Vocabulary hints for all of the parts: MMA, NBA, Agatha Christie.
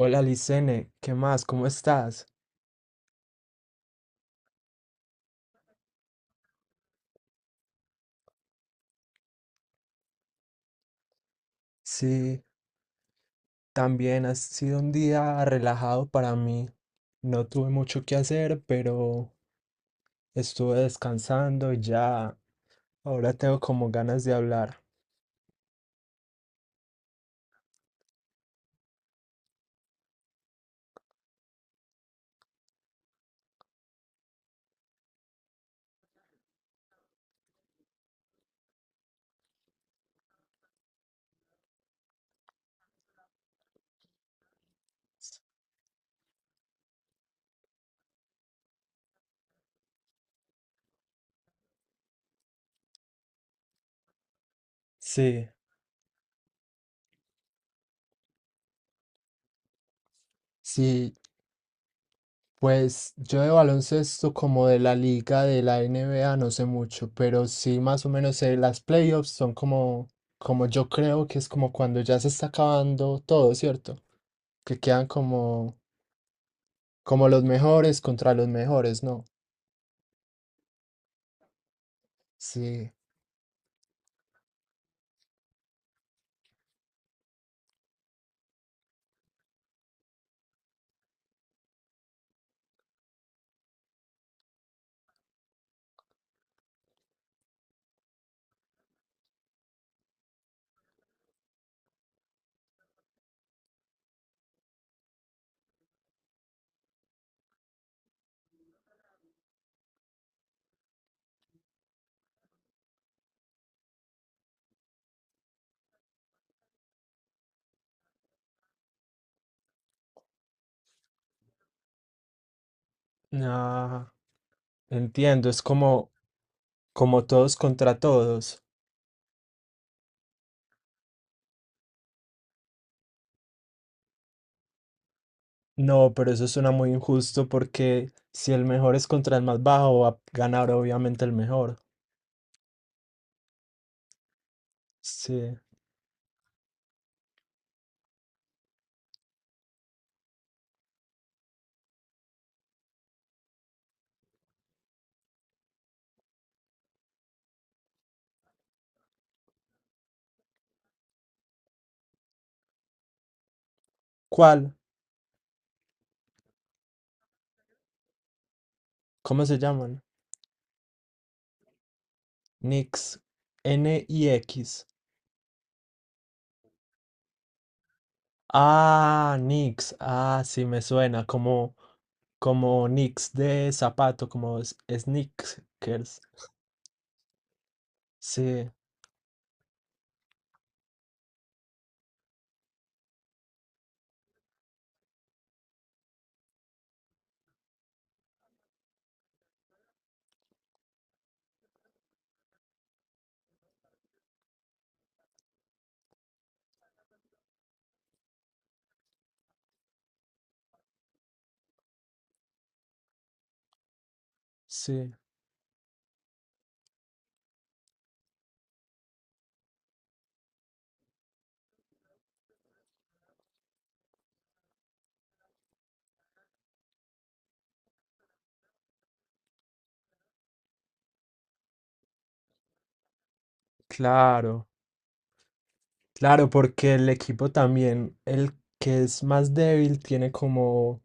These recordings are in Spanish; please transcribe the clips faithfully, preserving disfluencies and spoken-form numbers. Hola Licene, ¿qué más? ¿Cómo estás? Sí, también ha sido un día relajado para mí. No tuve mucho que hacer, pero estuve descansando y ya ahora tengo como ganas de hablar. Sí, sí, pues yo de baloncesto como de la liga de la N B A no sé mucho, pero sí más o menos sé, las playoffs son como, como yo creo que es como cuando ya se está acabando todo, ¿cierto? Que quedan como Como los mejores contra los mejores, ¿no? Sí. Ah, entiendo, es como, como todos contra todos. No, pero eso suena muy injusto porque si el mejor es contra el más bajo, va a ganar obviamente el mejor. Sí. ¿Cuál? ¿Cómo se llaman? Nix. N y X. Ah, Nix. Ah, sí, me suena como, como Nix de zapato, como s- sneakers. Sí, sí, claro. Claro, porque el equipo también, el que es más débil, tiene como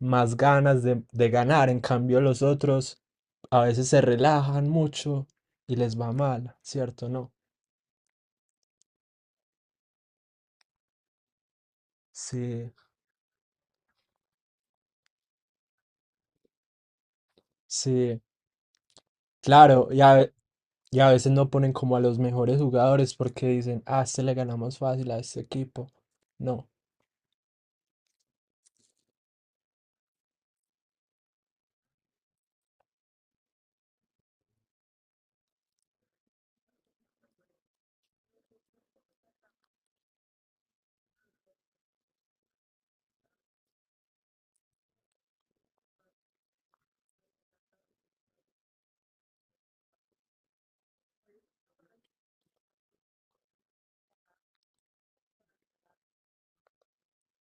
más ganas de, de ganar. En cambio, los otros a veces se relajan mucho y les va mal, ¿cierto? No. Sí, sí, claro. Y a, ve- y a veces no ponen como a los mejores jugadores porque dicen, ah, a este le ganamos fácil a este equipo. No.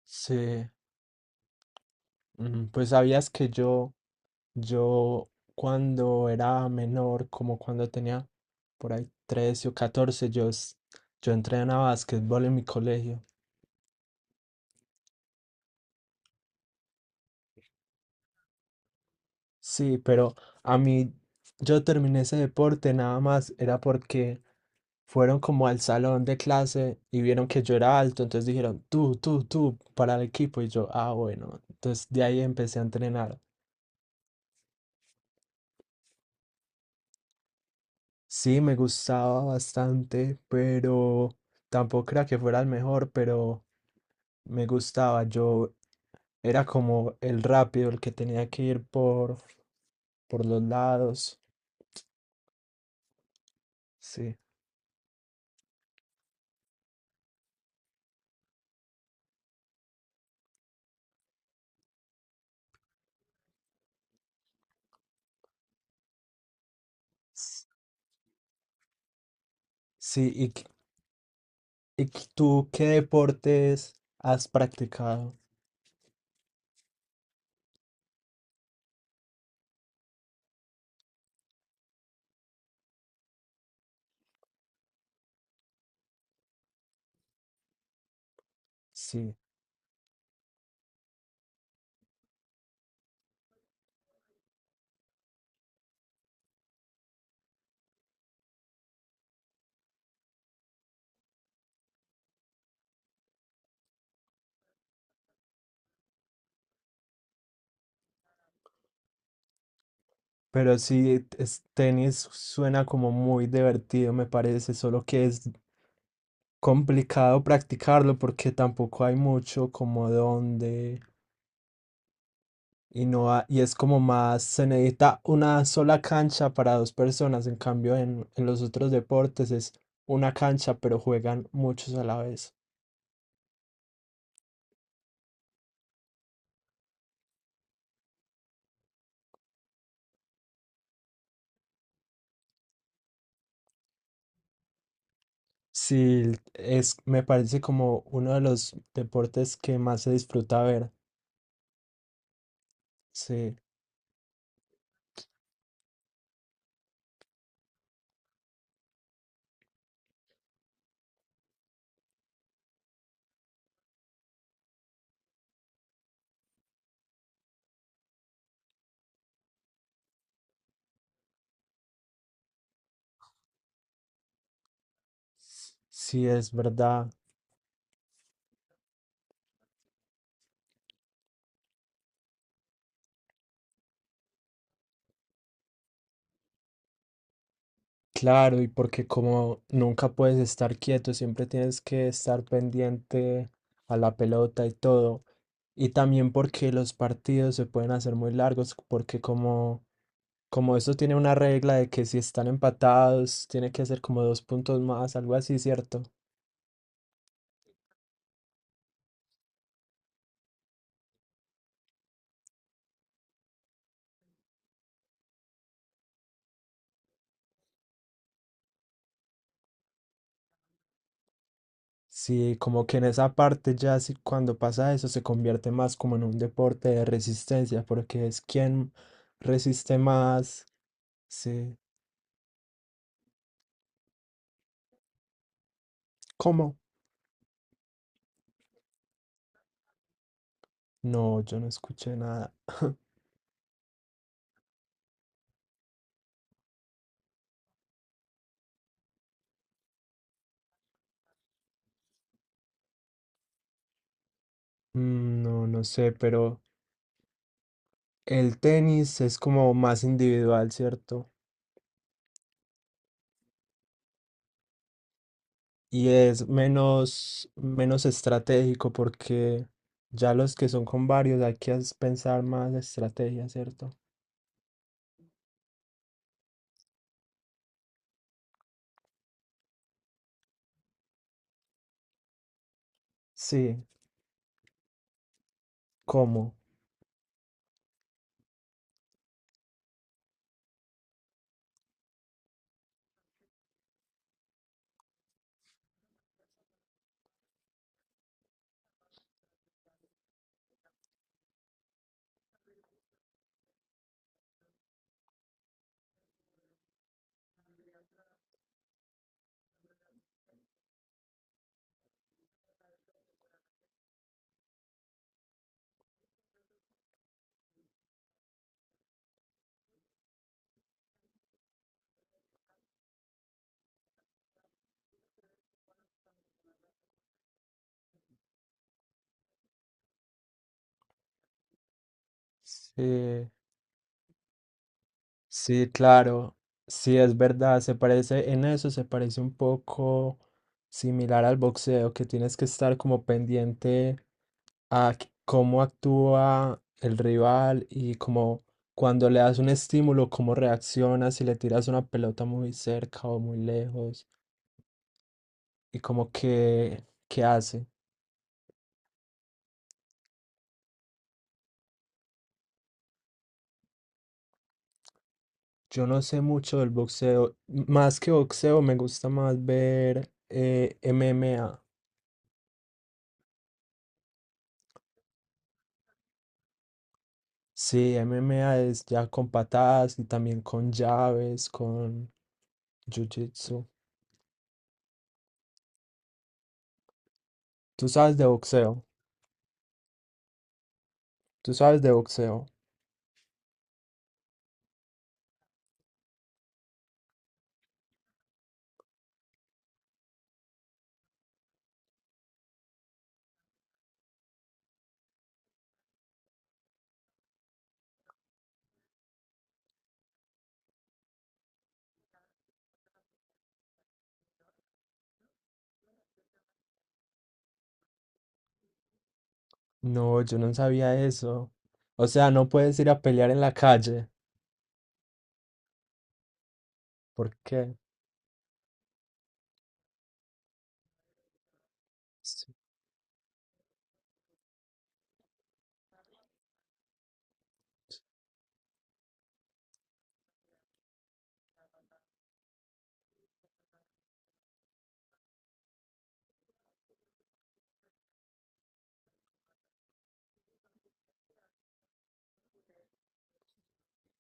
Sí. Ujú. Pues sabías que yo, yo cuando era menor, como cuando tenía por ahí trece o catorce, yo, s- yo entrenaba básquetbol en mi colegio. Sí, pero a mí yo terminé ese deporte nada más, era porque fueron como al salón de clase y vieron que yo era alto, entonces dijeron, tú, tú, tú, para el equipo. Y yo, ah, bueno, entonces de ahí empecé a entrenar. Sí, me gustaba bastante, pero tampoco era que fuera el mejor, pero me gustaba. Yo era como el rápido, el que tenía que ir por, por los lados. Sí. S- Sí, ¿y, qué- y qué- tú qué deportes has practicado? Sí, pero sí, es- tenis suena como muy divertido, me parece, solo que es complicado practicarlo porque tampoco hay mucho como donde… Y no ha- Y es como más, se necesita una sola cancha para dos personas. En cambio, en, en los otros deportes es una cancha, pero juegan muchos a la vez. Sí, es, me parece como uno de los deportes que más se disfruta ver. Sí, sí, es verdad. Claro, y porque como nunca puedes estar quieto, siempre tienes que estar pendiente a la pelota y todo. Y también porque los partidos se pueden hacer muy largos, porque como como eso tiene una regla de que si están empatados, tiene que hacer como dos puntos más, algo así, ¿cierto? Sí, como que en esa parte ya sí, cuando pasa eso se convierte más como en un deporte de resistencia, porque es quien resiste más. Sí. ¿Cómo? No, yo no escuché nada. Mm. No, no sé, pero el tenis es como más individual, ¿cierto? Y es menos, menos estratégico porque ya los que son con varios hay que as- pensar más estrategia, ¿cierto? Sí, ¿cómo? Sí, sí, claro. Sí, es verdad. Se parece, en eso se parece un poco similar al boxeo, que tienes que estar como pendiente. A qu- ¿cómo actúa el rival y cómo cuando le das un estímulo, cómo reacciona, si le tiras una pelota muy cerca o muy lejos y como que qué hace? Yo no sé mucho del boxeo, m- más que boxeo me gusta más ver eh, M M A. Sí, M M A es ya con patadas y también con llaves, con jiu-jitsu. ¿Tú sabes de boxeo? ¿Tú sabes de boxeo? No, yo no sabía eso. O sea, no puedes ir a pelear en la calle. ¿Por qué? Sí.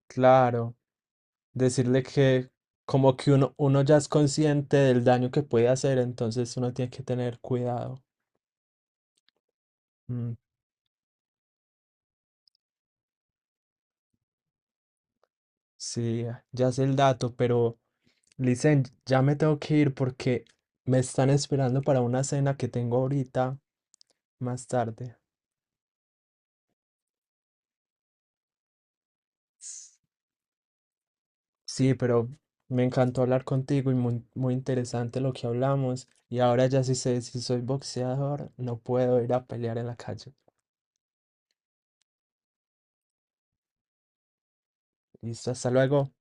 Claro, decirle que como que uno, uno ya es consciente del daño que puede hacer, entonces uno tiene que tener cuidado. Mm, sí, ya sé el dato, pero Licen, ya me tengo que ir porque me están esperando para una cena que tengo ahorita más tarde. Sí, pero me encantó hablar contigo y muy, muy interesante lo que hablamos. Y ahora ya sí sé si soy boxeador, no puedo ir a pelear en la calle. Listo, hasta luego.